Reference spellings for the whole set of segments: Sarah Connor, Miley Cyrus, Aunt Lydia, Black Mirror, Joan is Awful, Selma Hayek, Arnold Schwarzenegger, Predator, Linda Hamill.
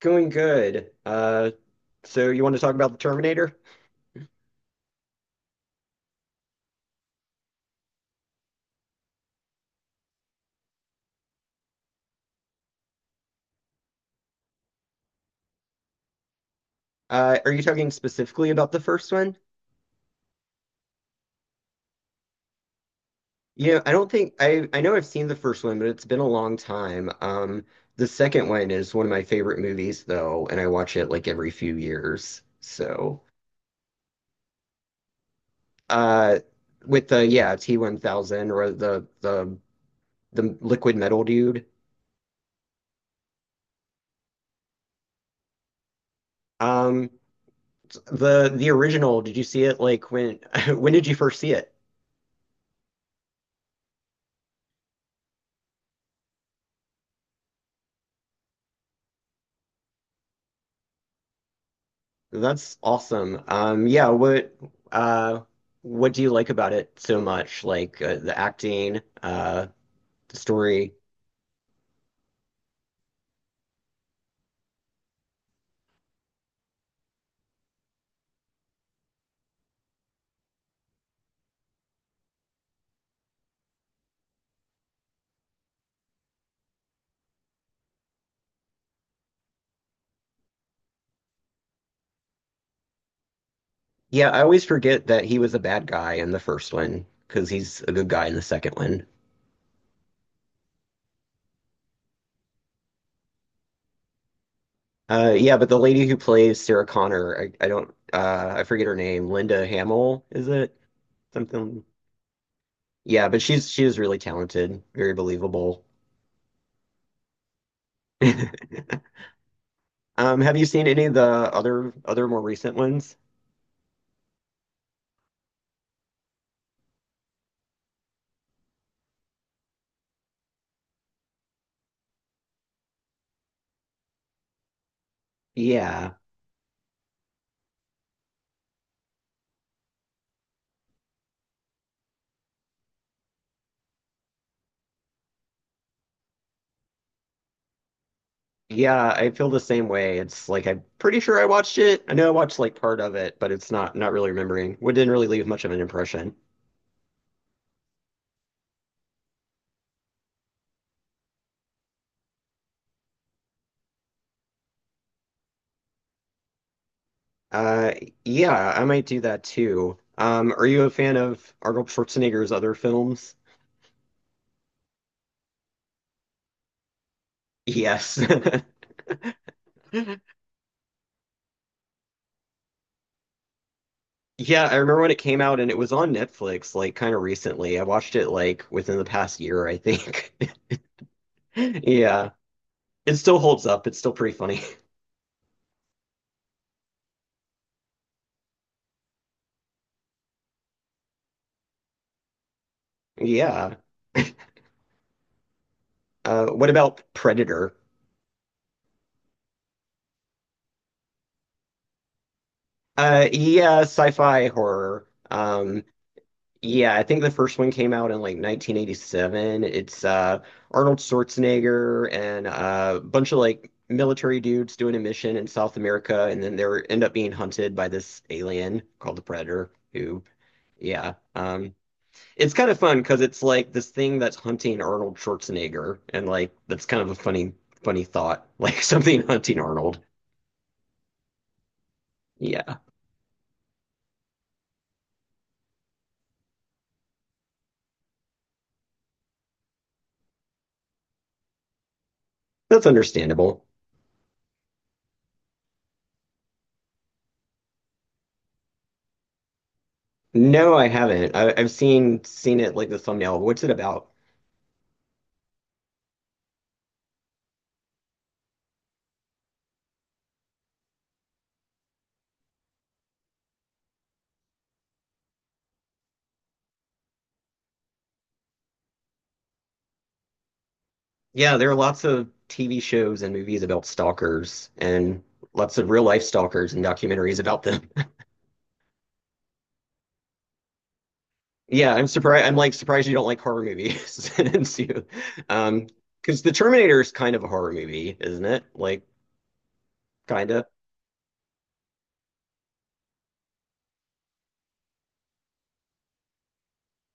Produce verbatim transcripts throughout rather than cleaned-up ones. Going good. Uh, so you want to talk about the Terminator? Uh, are you talking specifically about the first one? You know, I don't think I I know I've seen the first one, but it's been a long time. Um, the second one is one of my favorite movies though, and I watch it like every few years. So, uh, with the yeah, T one thousand or the the the liquid metal dude. Um, the the original, did you see it like when when did you first see it? That's awesome. Um, yeah, what uh what do you like about it so much? Like uh, the acting, uh the story. Yeah, I always forget that he was a bad guy in the first one because he's a good guy in the second one. Uh yeah, but the lady who plays Sarah Connor, I, I don't uh I forget her name. Linda Hamill, is it? Something. Yeah, but she's she is really talented, very believable. Um, have you seen any of the other other more recent ones? Yeah. Yeah, I feel the same way. It's like I'm pretty sure I watched it. I know I watched like part of it, but it's not not really remembering. What didn't really leave much of an impression. Uh, yeah, I might do that too. Um, are you a fan of Arnold Schwarzenegger's other films? Yes. Yeah, I remember when it came out and it was on Netflix like kind of recently. I watched it like within the past year, I think. Yeah. It still holds up. It's still pretty funny. Yeah. Uh, what about Predator? Uh, yeah, sci-fi horror. Um, yeah, I think the first one came out in like nineteen eighty-seven. It's uh Arnold Schwarzenegger and uh, a bunch of like military dudes doing a mission in South America, and then they are end up being hunted by this alien called the Predator. Who, yeah, um, it's kind of fun because it's like this thing that's hunting Arnold Schwarzenegger, and like that's kind of a funny, funny thought, like something hunting Arnold. Yeah, that's understandable. No, I haven't. I, I've seen seen it like the thumbnail. What's it about? Yeah, there are lots of T V shows and movies about stalkers and lots of real life stalkers and documentaries about them. Yeah, I'm surprised. I'm like surprised you don't like horror movies. Since you, um, because The Terminator is kind of a horror movie, isn't it? Like, kind of.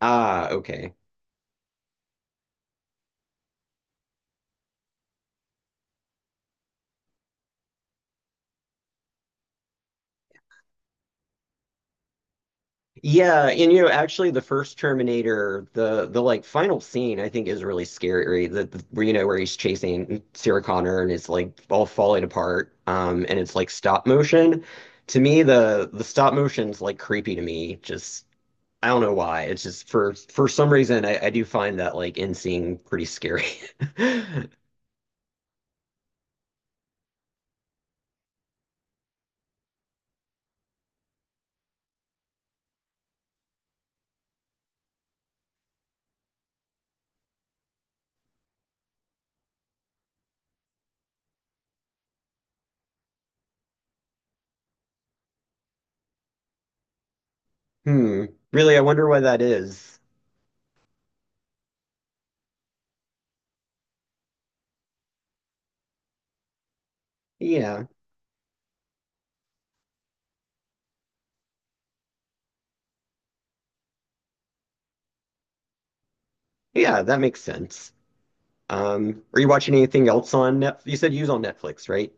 Ah, okay. Yeah, and you know, actually, the first Terminator, the the like final scene, I think is really scary. The, the Where, you know where he's chasing Sarah Connor and it's like all falling apart, um, and it's like stop motion. To me, the the stop motion's like creepy to me. Just I don't know why. It's just for for some reason I, I do find that like end scene pretty scary. Hmm. Really, I wonder why that is. Yeah, yeah, that makes sense. Um, are you watching anything else on Netflix? You said you was on Netflix, right?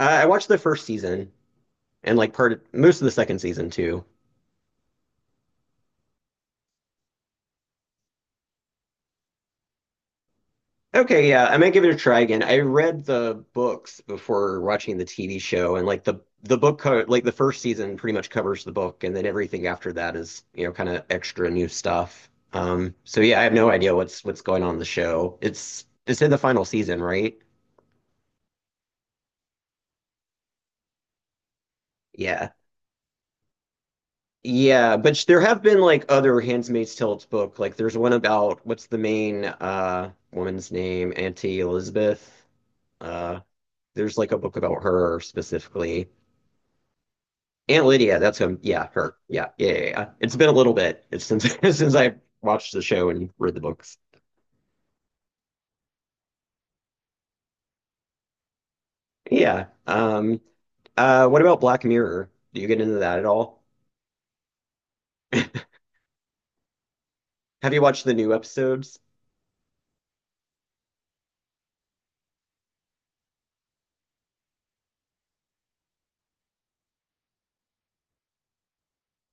Uh, I watched the first season and like part of, most of the second season too. Okay, yeah, I might give it a try again. I read the books before watching the T V show, and like the the book co like the first season pretty much covers the book, and then everything after that is you know kind of extra new stuff. Um, so yeah, I have no idea what's what's going on in the show. It's it's in the final season, right? Yeah. Yeah, but sh- there have been like other Handmaid's Tale's book. Like there's one about what's the main uh woman's name? Auntie Elizabeth. Uh, there's like a book about her specifically. Aunt Lydia, that's him. Yeah, her. Yeah, yeah, yeah, yeah. It's been a little bit It's since since I've watched the show and read the books. Yeah. Um, uh, what about Black Mirror? Do you get into that at all? Have you watched the new episodes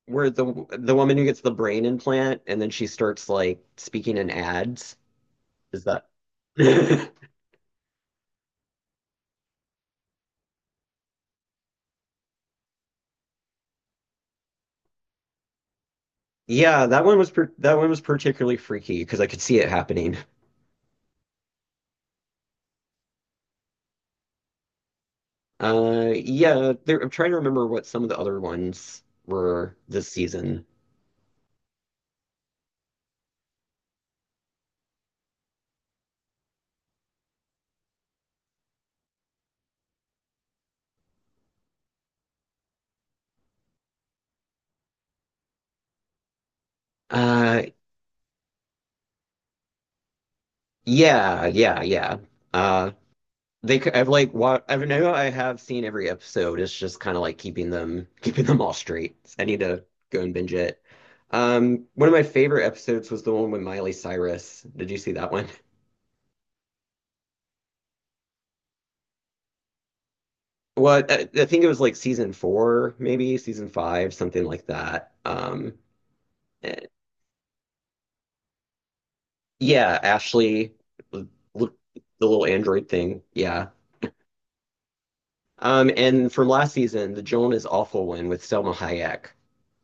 where the the woman who gets the brain implant and then she starts like speaking in ads? Is that? Yeah, that one was per that one was particularly freaky because I could see it happening. Uh, yeah, there, I'm trying to remember what some of the other ones were this season. Uh, yeah, yeah, yeah. Uh, they could, I've like what I know I have seen every episode. It's just kind of like keeping them keeping them all straight. I need to go and binge it. Um, one of my favorite episodes was the one with Miley Cyrus. Did you see that one? Well, I, I think it was like season four, maybe season five, something like that. Um, eh, Yeah, Ashley, the the little android thing. Yeah. Um, and from last season, the Joan is Awful one with Selma Hayek.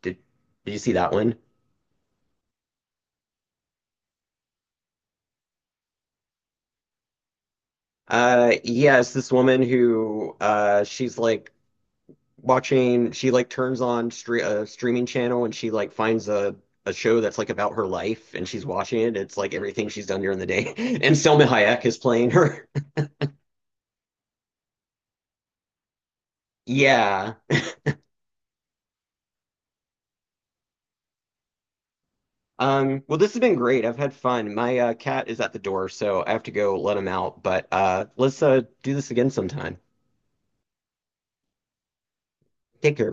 Did did you see that one? Uh, yes, this woman who uh she's like watching. She like turns on stre a streaming channel and she like finds a a show that's like about her life and she's watching it. It's like everything she's done during the day, and Selma Hayek is playing her. Yeah. Um, well, this has been great. I've had fun. My uh, cat is at the door, so I have to go let him out. But uh, let's uh, do this again sometime. Take care.